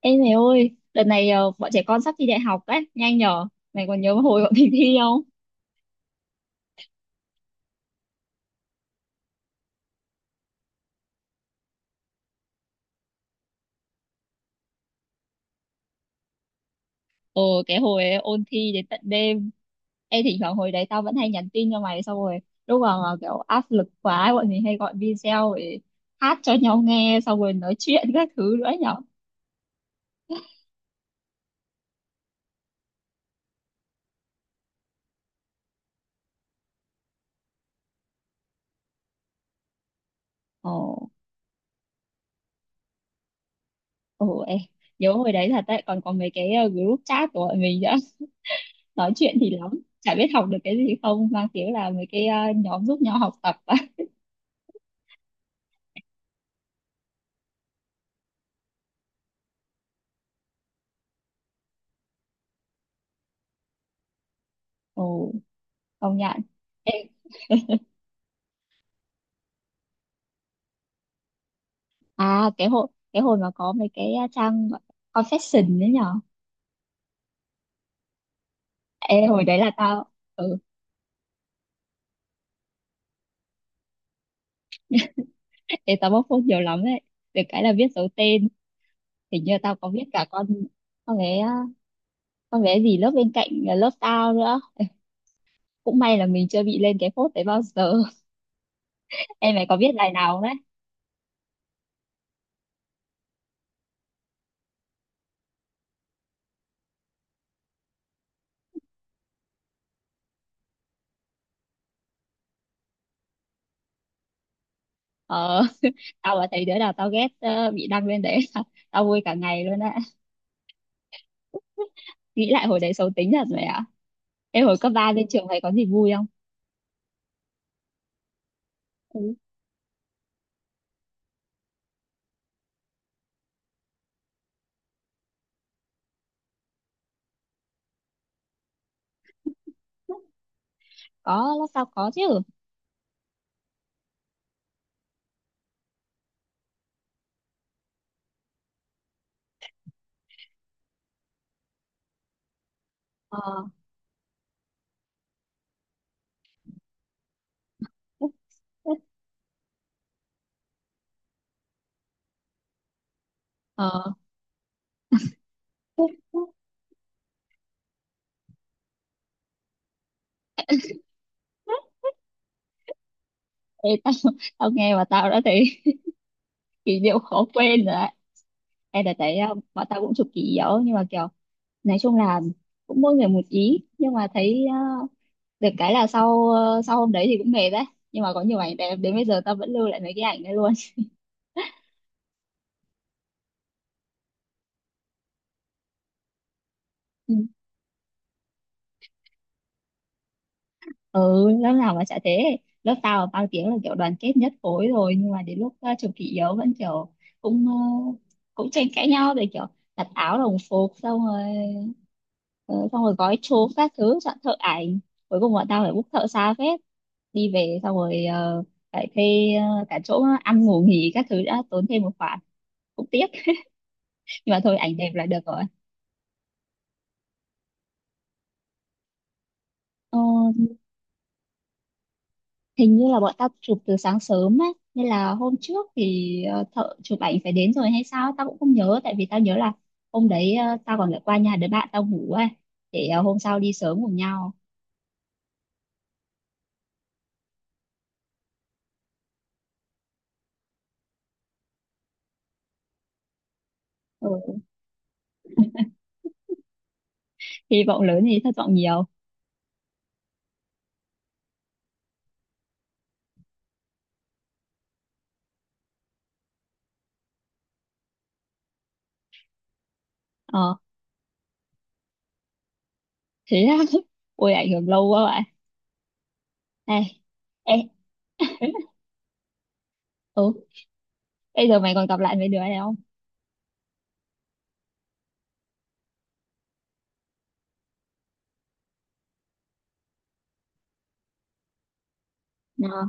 Ê mày ơi, đợt này bọn trẻ con sắp thi đại học đấy, nhanh nhở. Mày còn nhớ hồi bọn mình thi không? Ờ, cái hồi ấy, ôn thi đến tận đêm. Ê, thỉnh thoảng hồi đấy tao vẫn hay nhắn tin cho mày xong rồi. Lúc mà kiểu áp lực quá, bọn mình hay gọi video để hát cho nhau nghe xong rồi nói chuyện các thứ nữa nhở. Ờ, ờ, ê, nhớ hồi đấy thật đấy, còn có mấy cái group chat của bọn mình nữa. Nói chuyện thì lắm, chả biết học được cái gì không, mang tiếng là mấy cái nhóm giúp nhau học tập á. Ồ, công nhận. À, cái hồi mà có mấy cái trang gọi- confession đấy nhở. Ê hồi đấy là tao, ừ. Ê, tao bóc phốt nhiều lắm đấy, được cái là viết dấu tên. Hình như tao có viết cả con bé à, con bé gì lớp bên cạnh, à, lớp tao nữa. Cũng may là mình chưa bị lên cái phốt đấy bao giờ. Em mày có viết bài nào không đấy? Ờ. Tao mà thấy đứa nào tao ghét bị đăng lên đấy, tao vui cả ngày luôn á. Nghĩ lại hồi đấy xấu tính thật rồi ạ. Em hồi cấp ba lên trường mày có gì vui không? Ừ, có, lớp tao có chứ. Ờ, ờ. Ê, tao tao nghe mà tao đã thấy kỷ niệm khó quên rồi đấy. Em đã thấy bọn tao cũng chụp kỷ yếu nhưng mà kiểu, nói chung là cũng mỗi người một ý nhưng mà thấy uh, được cái là sau sau hôm đấy thì cũng mệt đấy, nhưng mà có nhiều ảnh đẹp đến bây giờ tao vẫn lưu lại mấy cái ảnh đấy luôn. Ừ, lớp nào mà chả thế. Lớp tao bao tiếng là kiểu đoàn kết nhất khối rồi nhưng mà đến lúc chụp kỷ yếu vẫn kiểu cũng cũng tranh cãi nhau rồi kiểu đặt áo đồng phục xong rồi, ờ, xong rồi gói chốt các thứ chọn thợ ảnh. Cuối cùng bọn tao phải book thợ xa phết, đi về xong rồi phải thuê cả chỗ ăn ngủ nghỉ các thứ, đã tốn thêm một khoản, cũng tiếc. Nhưng mà thôi, ảnh đẹp là được rồi. Ờ, hình như là bọn tao chụp từ sáng sớm á, nên là hôm trước thì thợ chụp ảnh phải đến rồi hay sao tao cũng không nhớ, tại vì tao nhớ là hôm đấy tao còn phải qua nhà đứa bạn tao ngủ ấy, để hôm sau đi sớm cùng nhau. Ừ. Hy vọng lớn thì thất vọng nhiều. Ờ, thế á? Ôi, ảnh hưởng lâu quá bạn. Ê, ê, ừ, bây giờ mày còn gặp lại mấy đứa này không? Nào.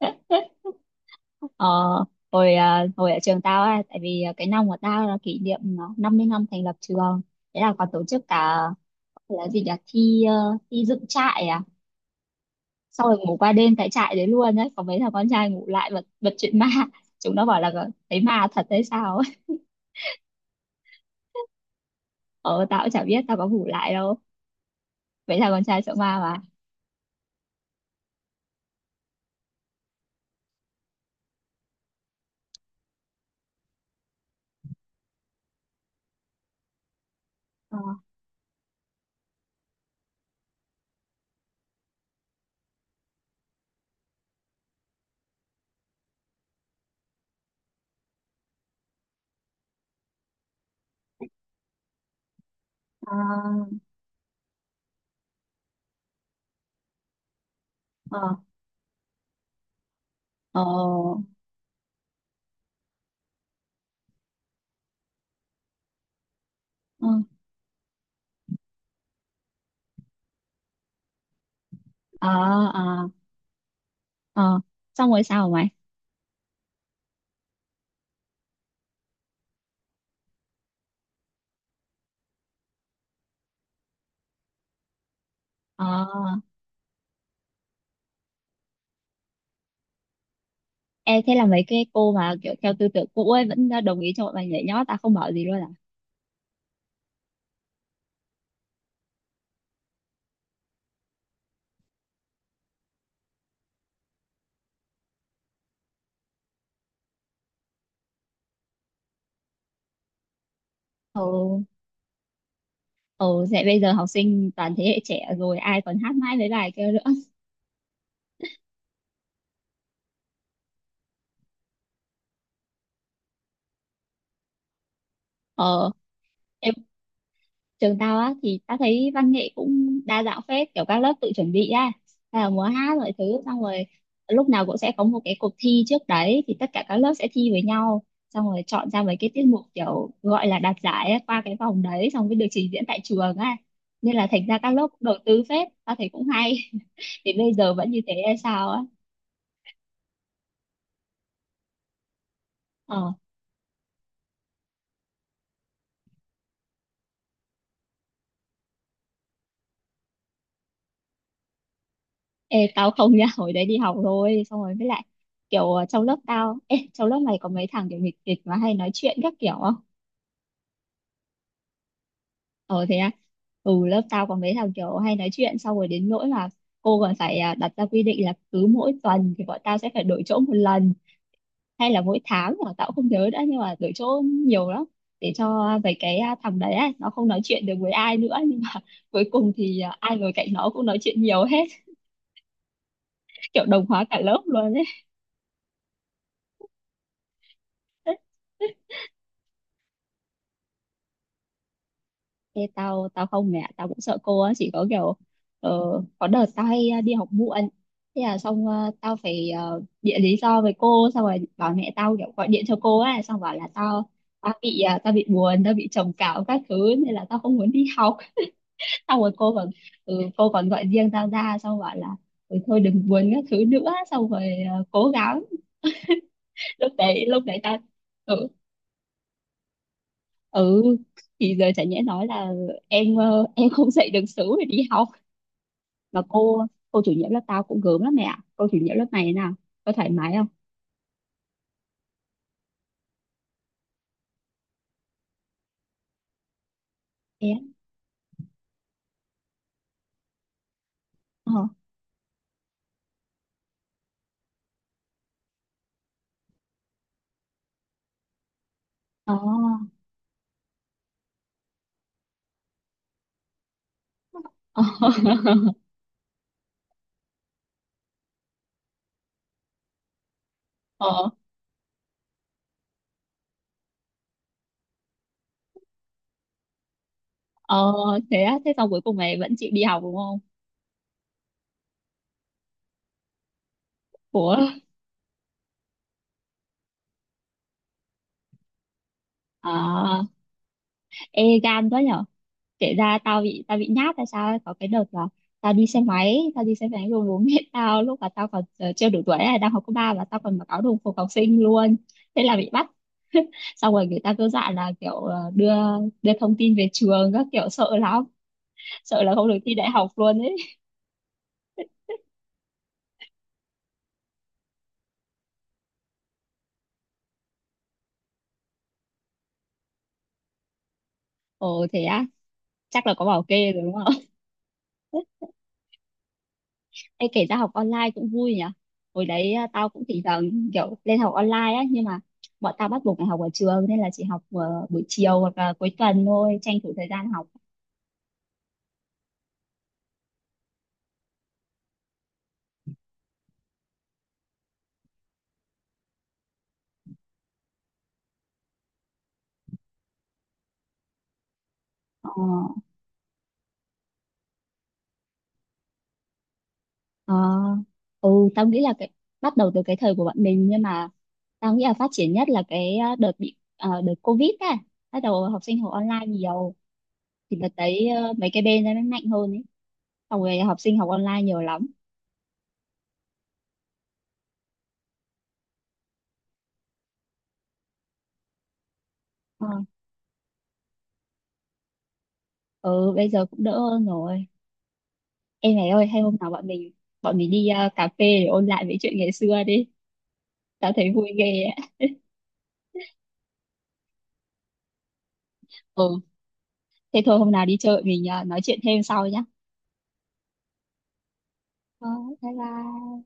Ờ, hồi à, hồi ở trường tao á, tại vì à, cái năm của tao là kỷ niệm, à, 50 năm thành lập trường, thế là còn tổ chức cả là gì nhỉ, thi thi dựng trại, à, xong rồi ngủ qua đêm tại trại đấy luôn đấy. Có mấy thằng con trai ngủ lại bật bật chuyện ma, chúng nó bảo là "Ờ, thấy ma thật đấy sao", ấy. Ờ, tao cũng chả biết, tao có ngủ lại đâu, mấy thằng con trai sợ ma mà. Ờ, ờ, ờ, ờ, ờ, ờ, ờ, ờ. Xong rồi sao mày? Ờ. E thế là mấy cái cô mà kiểu theo tư tưởng cũ ấy vẫn đồng ý cho bọn mày nhảy nhót, tao không bảo gì luôn à? Ừ, ừ. Thế bây giờ học sinh toàn thế hệ trẻ rồi, ai còn hát mãi mấy bài kia nữa. Ờ, em trường tao á thì tao thấy văn nghệ cũng đa dạng phết, kiểu các lớp tự chuẩn bị á, hay là múa hát mọi thứ xong rồi lúc nào cũng sẽ có một cái cuộc thi trước đấy thì tất cả các lớp sẽ thi với nhau, xong rồi chọn ra mấy cái tiết mục kiểu gọi là đạt giải á, qua cái vòng đấy xong mới được trình diễn tại trường á. Nên là thành ra các lớp cũng đầu tư phết, tao thấy cũng hay. Thì bây giờ vẫn như thế hay sao á? Ờ. Ê, tao không nha, hồi đấy đi học rồi xong rồi với lại kiểu trong lớp tao, ê, trong lớp này có mấy thằng kiểu nghịch kịch mà hay nói chuyện các kiểu. Ờ thế à? Ừ, lớp tao có mấy thằng kiểu hay nói chuyện xong rồi đến nỗi là cô còn phải đặt ra quy định là cứ mỗi tuần thì bọn tao sẽ phải đổi chỗ một lần, hay là mỗi tháng mà tao cũng không nhớ đã, nhưng mà đổi chỗ nhiều lắm, để cho về cái à, thằng đấy á, nó không nói chuyện được với ai nữa, nhưng mà cuối cùng thì à, ai ngồi cạnh nó cũng nói chuyện nhiều hết. Kiểu đồng hóa cả lớp luôn ấy. Ê, tao tao không, mẹ tao cũng sợ cô á, chỉ có kiểu ờ, có đợt tao hay đi học muộn, thế là xong tao phải bịa lý do với cô xong rồi bảo mẹ tao kiểu gọi điện cho cô á, xong bảo là tao, tao bị buồn, tao bị trầm cảm các thứ, nên là tao không muốn đi học. Xong rồi cô còn, ừ, cô còn gọi riêng tao ra xong bảo là ừ, thôi đừng buồn các thứ nữa, xong rồi cố gắng. Lúc đấy tao, ừ, ừ. Thì giờ chả nhẽ nói là em em không dậy được sớm để đi học. Mà cô chủ nhiệm lớp tao cũng gớm lắm mẹ ạ. Cô chủ nhiệm lớp này thế nào, có thoải mái không? Thế á? Ờ, ờ, ờ. Ờ, ờ, thế á, thế xong cuối cùng mày vẫn chịu đi học đúng không? Ủa. À, ê, gan quá nhở. Kể ra tao bị, tao bị nhát hay sao ấy. Có cái đợt là tao đi xe máy, tao đi xe máy rồi bố mẹ tao lúc mà tao còn chưa đủ tuổi là đang học cấp ba và tao còn mặc áo đồng phục học sinh luôn, thế là bị bắt. Xong rồi người ta cứ dọa là kiểu đưa, đưa thông tin về trường các kiểu, sợ lắm, sợ là không được thi đại học luôn ấy. Ồ, thế á? Chắc là có bảo kê rồi đúng không? Ê, kể ra học online cũng vui nhỉ. Hồi đấy à, tao cũng thỉnh thoảng kiểu lên học online á nhưng mà bọn tao bắt buộc phải học ở trường nên là chỉ học buổi chiều hoặc là cuối tuần thôi, tranh thủ thời gian học. Ờ, ờ, ừ, tao nghĩ là cái bắt đầu từ cái thời của bọn mình nhưng mà tao nghĩ là phát triển nhất là cái đợt bị đợt COVID á, bắt đầu học sinh học online nhiều. Thì đợt đấy mấy cái bên nó mới mạnh hơn ấy, xong rồi học sinh học online nhiều lắm. Ờ, ừ, bây giờ cũng đỡ hơn rồi. Em này ơi, hay hôm nào bọn mình đi cà phê để ôn lại mấy chuyện ngày xưa đi, tao thấy vui ghê ấy. Ừ, thế thôi hôm nào đi chơi mình nói chuyện thêm sau nhá. Ờ, bye bye.